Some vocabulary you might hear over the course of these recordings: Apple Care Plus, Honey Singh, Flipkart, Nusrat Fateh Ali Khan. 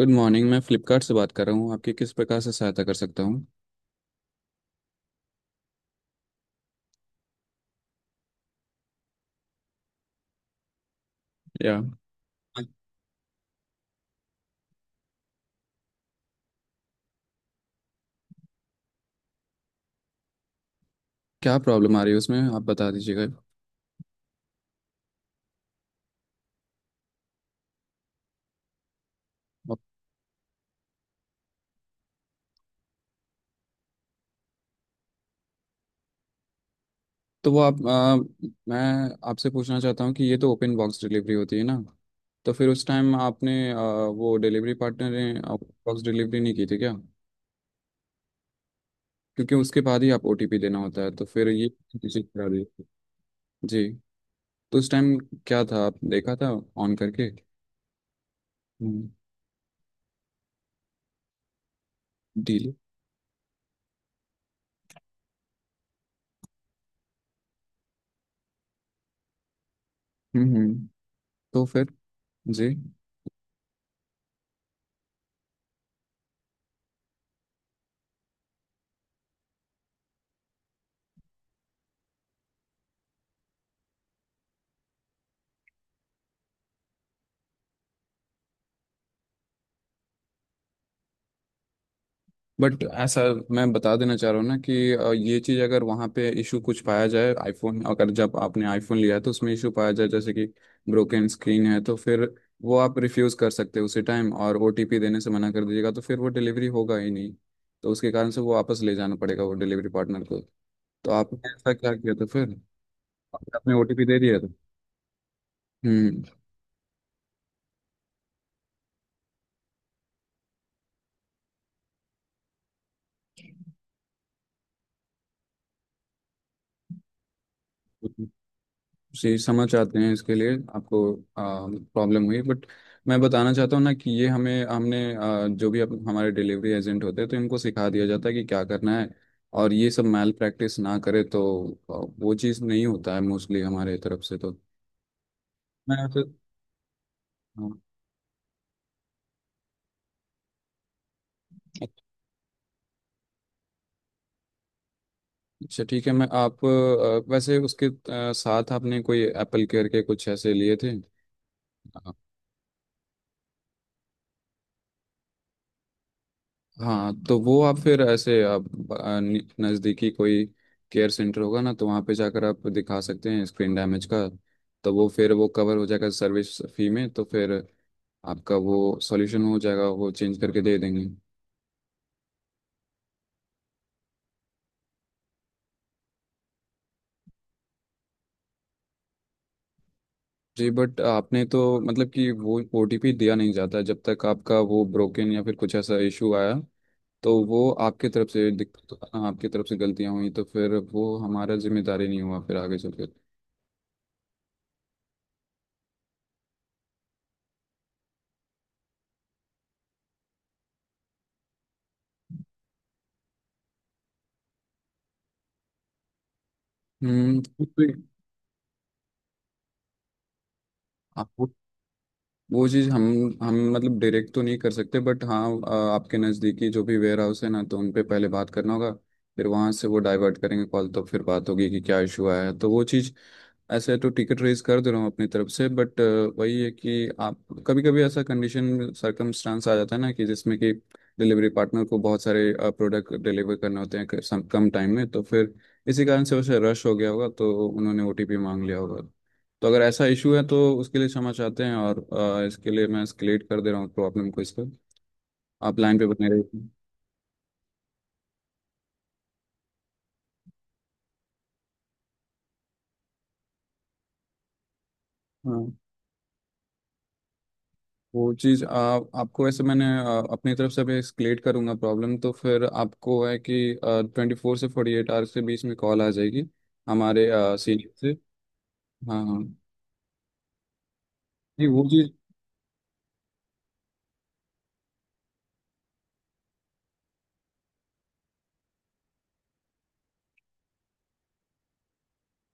Good morning. मैं फ्लिपकार्ट से बात कर रहा हूँ, आपकी किस प्रकार से सहायता कर सकता हूँ? या क्या प्रॉब्लम आ रही है उसमें, आप बता दीजिएगा। अब तो मैं आपसे पूछना चाहता हूँ कि ये तो ओपन बॉक्स डिलीवरी होती है ना। तो फिर उस टाइम आपने वो डिलीवरी पार्टनर ने ओपन बॉक्स डिलीवरी नहीं की थी क्या? क्योंकि उसके बाद ही आप ओटीपी देना होता है तो फिर ये चीज़ करा दी। जी, तो उस टाइम क्या था, आप देखा था ऑन करके डील? हम्म। deal? हम्म, तो फिर। जी, बट ऐसा मैं बता देना चाह रहा हूँ ना कि ये चीज़ अगर वहाँ पे इशू कुछ पाया जाए आईफोन, अगर जब आपने आईफोन लिया है तो उसमें इशू पाया जाए, जैसे कि ब्रोकन स्क्रीन है, तो फिर वो आप रिफ्यूज़ कर सकते हो उसी टाइम और ओटीपी देने से मना कर दीजिएगा तो फिर वो डिलीवरी होगा ही नहीं। तो उसके कारण से वो वापस ले जाना पड़ेगा वो डिलीवरी पार्टनर को। तो आपने ऐसा क्या किया था फिर? आपने ओटीपी दे दिया था? हम्म। जी, समझ आते हैं, इसके लिए आपको प्रॉब्लम हुई, बट मैं बताना चाहता हूँ ना कि ये हमें हमने आ, जो भी अप, हमारे डिलीवरी एजेंट होते हैं तो इनको सिखा दिया जाता है कि क्या करना है। और ये सब मैल प्रैक्टिस ना करे तो आ, वो चीज़ नहीं होता है मोस्टली हमारे तरफ से तो। मैं तो। हाँ। अच्छा ठीक है, वैसे उसके साथ आपने कोई एप्पल केयर के कुछ ऐसे लिए थे? हाँ, तो वो आप फिर ऐसे नज़दीकी कोई केयर सेंटर होगा ना, तो वहाँ पे जाकर आप दिखा सकते हैं स्क्रीन डैमेज का। तो वो फिर वो कवर हो जाएगा सर्विस फी में, तो फिर आपका वो सॉल्यूशन हो जाएगा, वो चेंज करके दे देंगे। जी, बट आपने तो मतलब कि वो ओटीपी दिया नहीं जाता जब तक आपका वो ब्रोकन या फिर कुछ ऐसा इशू आया, तो वो आपके तरफ से दिक- आपकी तरफ से गलतियाँ हुई तो फिर वो हमारा जिम्मेदारी नहीं हुआ फिर आगे चल के। हम्म। वो चीज़ हम मतलब डायरेक्ट तो नहीं कर सकते, बट हाँ, आपके नज़दीकी जो भी वेयर हाउस है ना तो उन पे पहले बात करना होगा। फिर वहाँ से वो डाइवर्ट करेंगे कॉल, तो फिर बात होगी कि क्या इशू आया है, तो वो चीज़ ऐसे तो टिकट रेज कर दे रहा हूँ अपनी तरफ से। बट वही है कि आप, कभी कभी ऐसा कंडीशन सर्कमस्टांस आ जाता है ना कि जिसमें कि डिलीवरी पार्टनर को बहुत सारे प्रोडक्ट डिलीवर करने होते हैं कम टाइम में, तो फिर इसी कारण से वैसे रश हो गया होगा तो उन्होंने ओटीपी मांग लिया होगा। तो अगर ऐसा इशू है तो उसके लिए क्षमा चाहते हैं। और इसके लिए मैं एस्केलेट कर दे रहा हूँ प्रॉब्लम को इसका। आप लाइन पे बने रहिए। हाँ, वो चीज़ आप आपको वैसे मैंने अपनी तरफ से भी एस्केलेट करूँगा प्रॉब्लम, तो फिर आपको है कि ट्वेंटी फोर से फोर्टी एट आवर्स के बीच में कॉल आ जाएगी हमारे सीनियर से। हाँ, हाँ। नहीं, वो चीज़।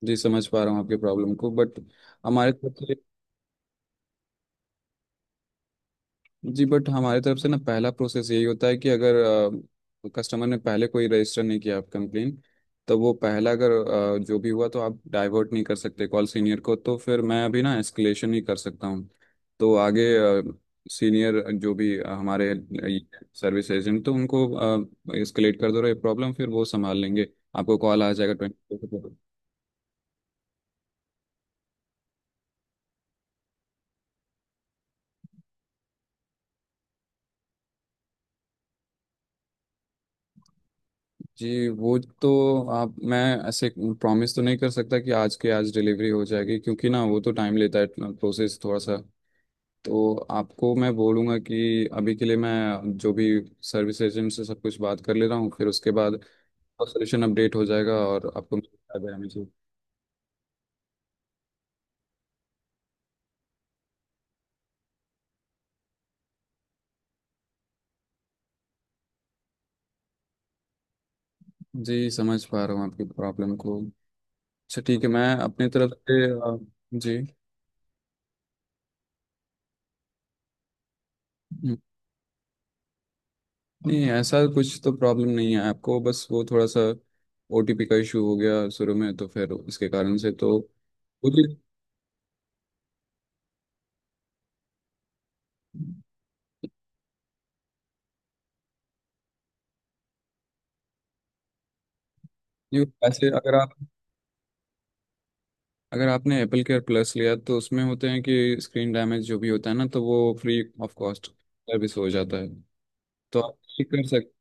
जी, समझ पा रहा हूँ आपकी प्रॉब्लम को, बट हमारे तरफ से। जी, बट हमारे तरफ से ना पहला प्रोसेस यही होता है कि अगर कस्टमर ने पहले कोई रजिस्टर नहीं किया आप कंप्लेन, तो वो पहला अगर जो भी हुआ, तो आप डाइवर्ट नहीं कर सकते कॉल सीनियर को, तो फिर मैं अभी ना एस्केलेशन ही कर सकता हूँ। तो आगे सीनियर जो भी हमारे सर्विस एजेंट, तो उनको एस्केलेट कर दो ये प्रॉब्लम, फिर वो संभाल लेंगे। आपको कॉल आ जाएगा ट्वेंटी। जी, वो तो आप मैं ऐसे प्रॉमिस तो नहीं कर सकता कि आज के आज डिलीवरी हो जाएगी, क्योंकि ना वो तो टाइम लेता है प्रोसेस थोड़ा सा। तो आपको मैं बोलूँगा कि अभी के लिए मैं जो भी सर्विस एजेंट से सब कुछ बात कर ले रहा हूँ, फिर उसके बाद सोल्यूशन अपडेट हो जाएगा और आपको मिल जाएगा हमेशा। जी, समझ पा रहा हूँ आपकी प्रॉब्लम को। अच्छा ठीक है, मैं अपनी तरफ से जी। नहीं, ऐसा कुछ तो प्रॉब्लम नहीं है आपको, बस वो थोड़ा सा ओटीपी का इशू हो गया शुरू में तो फिर उसके कारण से तो वो भी। नहीं, वैसे अगर आपने एप्पल केयर प्लस लिया तो उसमें होते हैं कि स्क्रीन डैमेज जो भी होता है ना, तो वो फ्री ऑफ कॉस्ट सर्विस हो जाता है। तो आप ठीक कर सकते।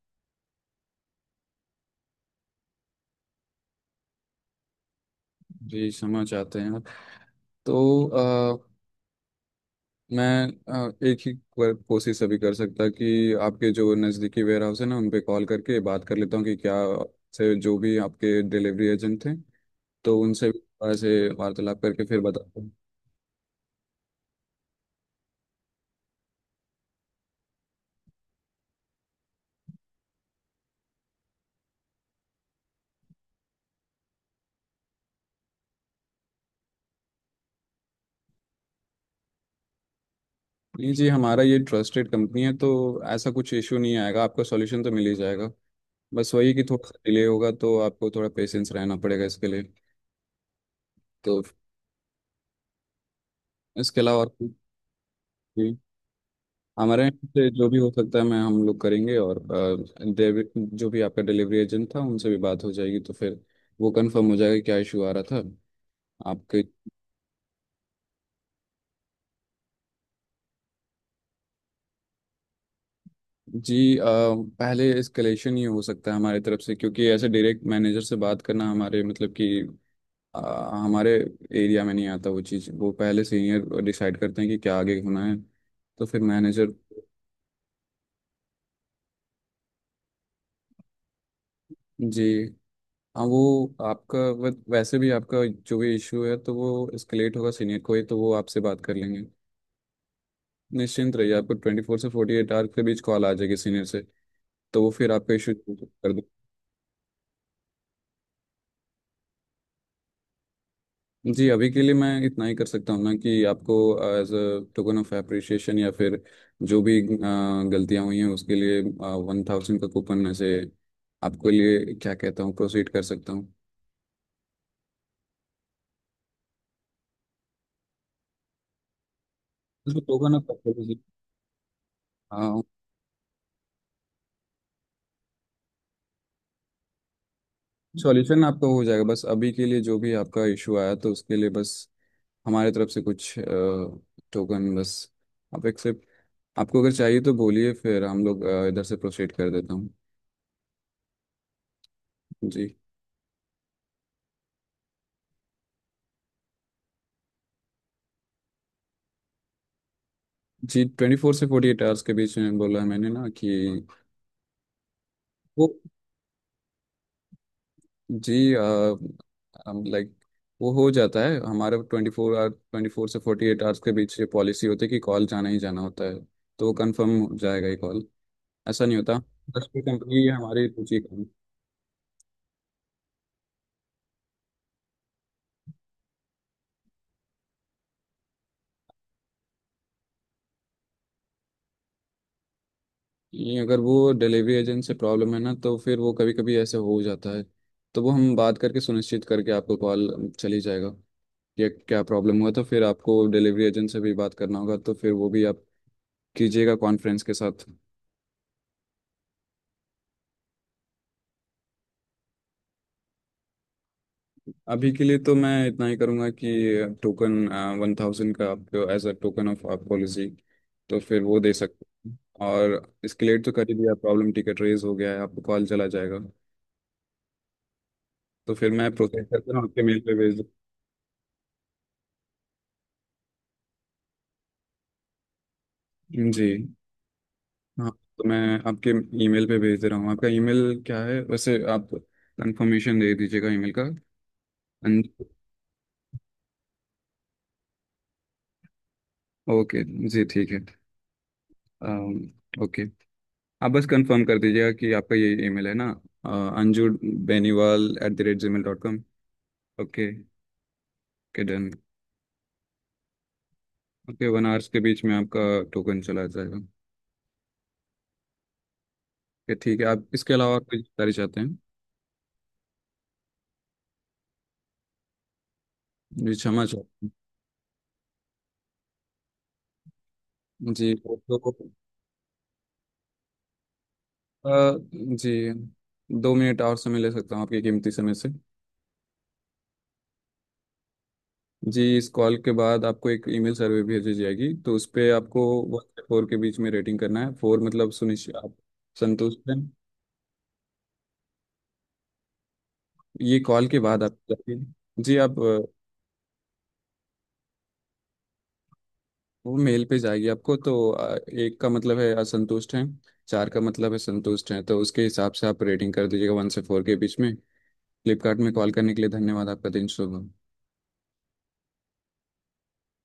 जी, क्षमा चाहते हैं। आप तो मैं एक ही बार कोशिश अभी कर सकता कि आपके जो नज़दीकी वेयर हाउस है ना उन पे कॉल करके बात कर लेता हूँ कि क्या से जो भी आपके डिलीवरी एजेंट थे, तो उनसे भी थोड़ा से वार्तालाप करके फिर बताता हूँ। नहीं जी, हमारा ये ट्रस्टेड कंपनी है, तो ऐसा कुछ इशू नहीं आएगा, आपका सॉल्यूशन तो मिल ही जाएगा। बस वही कि थोड़ा सा डिले होगा, तो आपको थोड़ा पेशेंस रहना पड़ेगा इसके लिए। तो इसके अलावा और कुछ? जी, हमारे यहाँ से जो भी हो सकता है, मैं हम लोग करेंगे और जो भी आपका डिलीवरी एजेंट था उनसे भी बात हो जाएगी, तो फिर वो कंफर्म हो जाएगा क्या इशू आ रहा था आपके। जी, पहले एस्केलेशन ही हो सकता है हमारी तरफ से, क्योंकि ऐसे डायरेक्ट मैनेजर से बात करना हमारे मतलब कि अ, हमारे एरिया में नहीं आता वो चीज़, वो पहले सीनियर डिसाइड करते हैं कि क्या आगे होना है, तो फिर मैनेजर। जी, हाँ, वो आपका वैसे भी आपका जो भी इशू है तो वो एस्केलेट होगा सीनियर को ही, तो वो आपसे बात कर लेंगे। निश्चिंत रहिए, आपको ट्वेंटी फोर से फोर्टी एट आवर के बीच कॉल आ जाएगी सीनियर से, तो वो फिर आपका इशू कर दे। जी, अभी के लिए मैं इतना ही कर सकता हूँ ना कि आपको as a token of appreciation, या फिर जो भी गलतियाँ हुई हैं उसके लिए 1,000 का कूपन ऐसे आपके लिए, क्या कहता हूँ, प्रोसीड कर सकता हूँ? उसमें टोकन ऑफ एप्रिसिएशन। सॉल्यूशन आपका हो जाएगा, बस अभी के लिए जो भी आपका इशू आया तो उसके लिए बस हमारे तरफ से कुछ टोकन बस, आप एक्सेप्ट, आपको अगर चाहिए तो बोलिए फिर हम लोग इधर से प्रोसीड कर देता हूँ। जी। जी, ट्वेंटी फोर से फोर्टी एट आवर्स के बीच में बोला है मैंने ना कि वो। जी, लाइक वो हो जाता है हमारा 24 आवर, ट्वेंटी फोर से फोर्टी एट आवर्स के बीच ये पॉलिसी होती है कि कॉल जाना ही जाना होता है। तो वो कन्फर्म हो जाएगा ये कॉल, ऐसा नहीं होता, 10 पे कंपनी हमारी पूछी। नहीं, अगर वो डिलीवरी एजेंट से प्रॉब्लम है ना तो फिर वो कभी कभी ऐसे हो जाता है, तो वो हम बात करके सुनिश्चित करके आपको कॉल चली जाएगा कि क्या प्रॉब्लम हुआ, तो फिर आपको डिलीवरी एजेंट से भी बात करना होगा तो फिर वो भी आप कीजिएगा कॉन्फ्रेंस के साथ। अभी के लिए तो मैं इतना ही करूँगा कि टोकन 1,000 का आपको एज अ टोकन ऑफ आप पॉलिसी, तो फिर वो दे सकते हैं। और इसकेलेट तो कर ही दिया, प्रॉब्लम टिकट रेज हो गया है, आपको कॉल चला जाएगा। तो फिर मैं प्रोसेस करके ना आपके मेल पे भेज दूँ जी। हाँ, तो मैं आपके ईमेल पे भेज दे रहा हूँ। आपका ईमेल क्या है वैसे, आप कंफर्मेशन दे दीजिएगा ईमेल का। अन- ओके। जी ठीक है, अम, ओके, आप बस कंफर्म कर दीजिएगा कि आपका ये ईमेल है ना, anjubeniwal@gmail.com। Okay. Okay done. Okay, one hours के बीच में आपका टोकन चला जाएगा। ओके ठीक है, आप इसके अलावा और कोई जानकारी चाहते हैं? जी क्षमा चाहते हैं जी, तो जी, 2 मिनट और समय ले सकता हूँ आपके कीमती समय से? जी, इस कॉल के बाद आपको एक ईमेल सर्वे भेजी जाएगी तो उस पे आपको वन से फोर के बीच में रेटिंग करना है, फोर मतलब सुनिश्चित आप संतुष्ट हैं। ये कॉल के बाद आप जाके जी, आप वो मेल पे जाएगी आपको, तो एक का मतलब है असंतुष्ट हैं, चार का मतलब है संतुष्ट हैं, तो उसके हिसाब से आप रेटिंग कर दीजिएगा वन से फोर के बीच में। फ्लिपकार्ट में कॉल करने के लिए धन्यवाद, आपका दिन शुभ हो।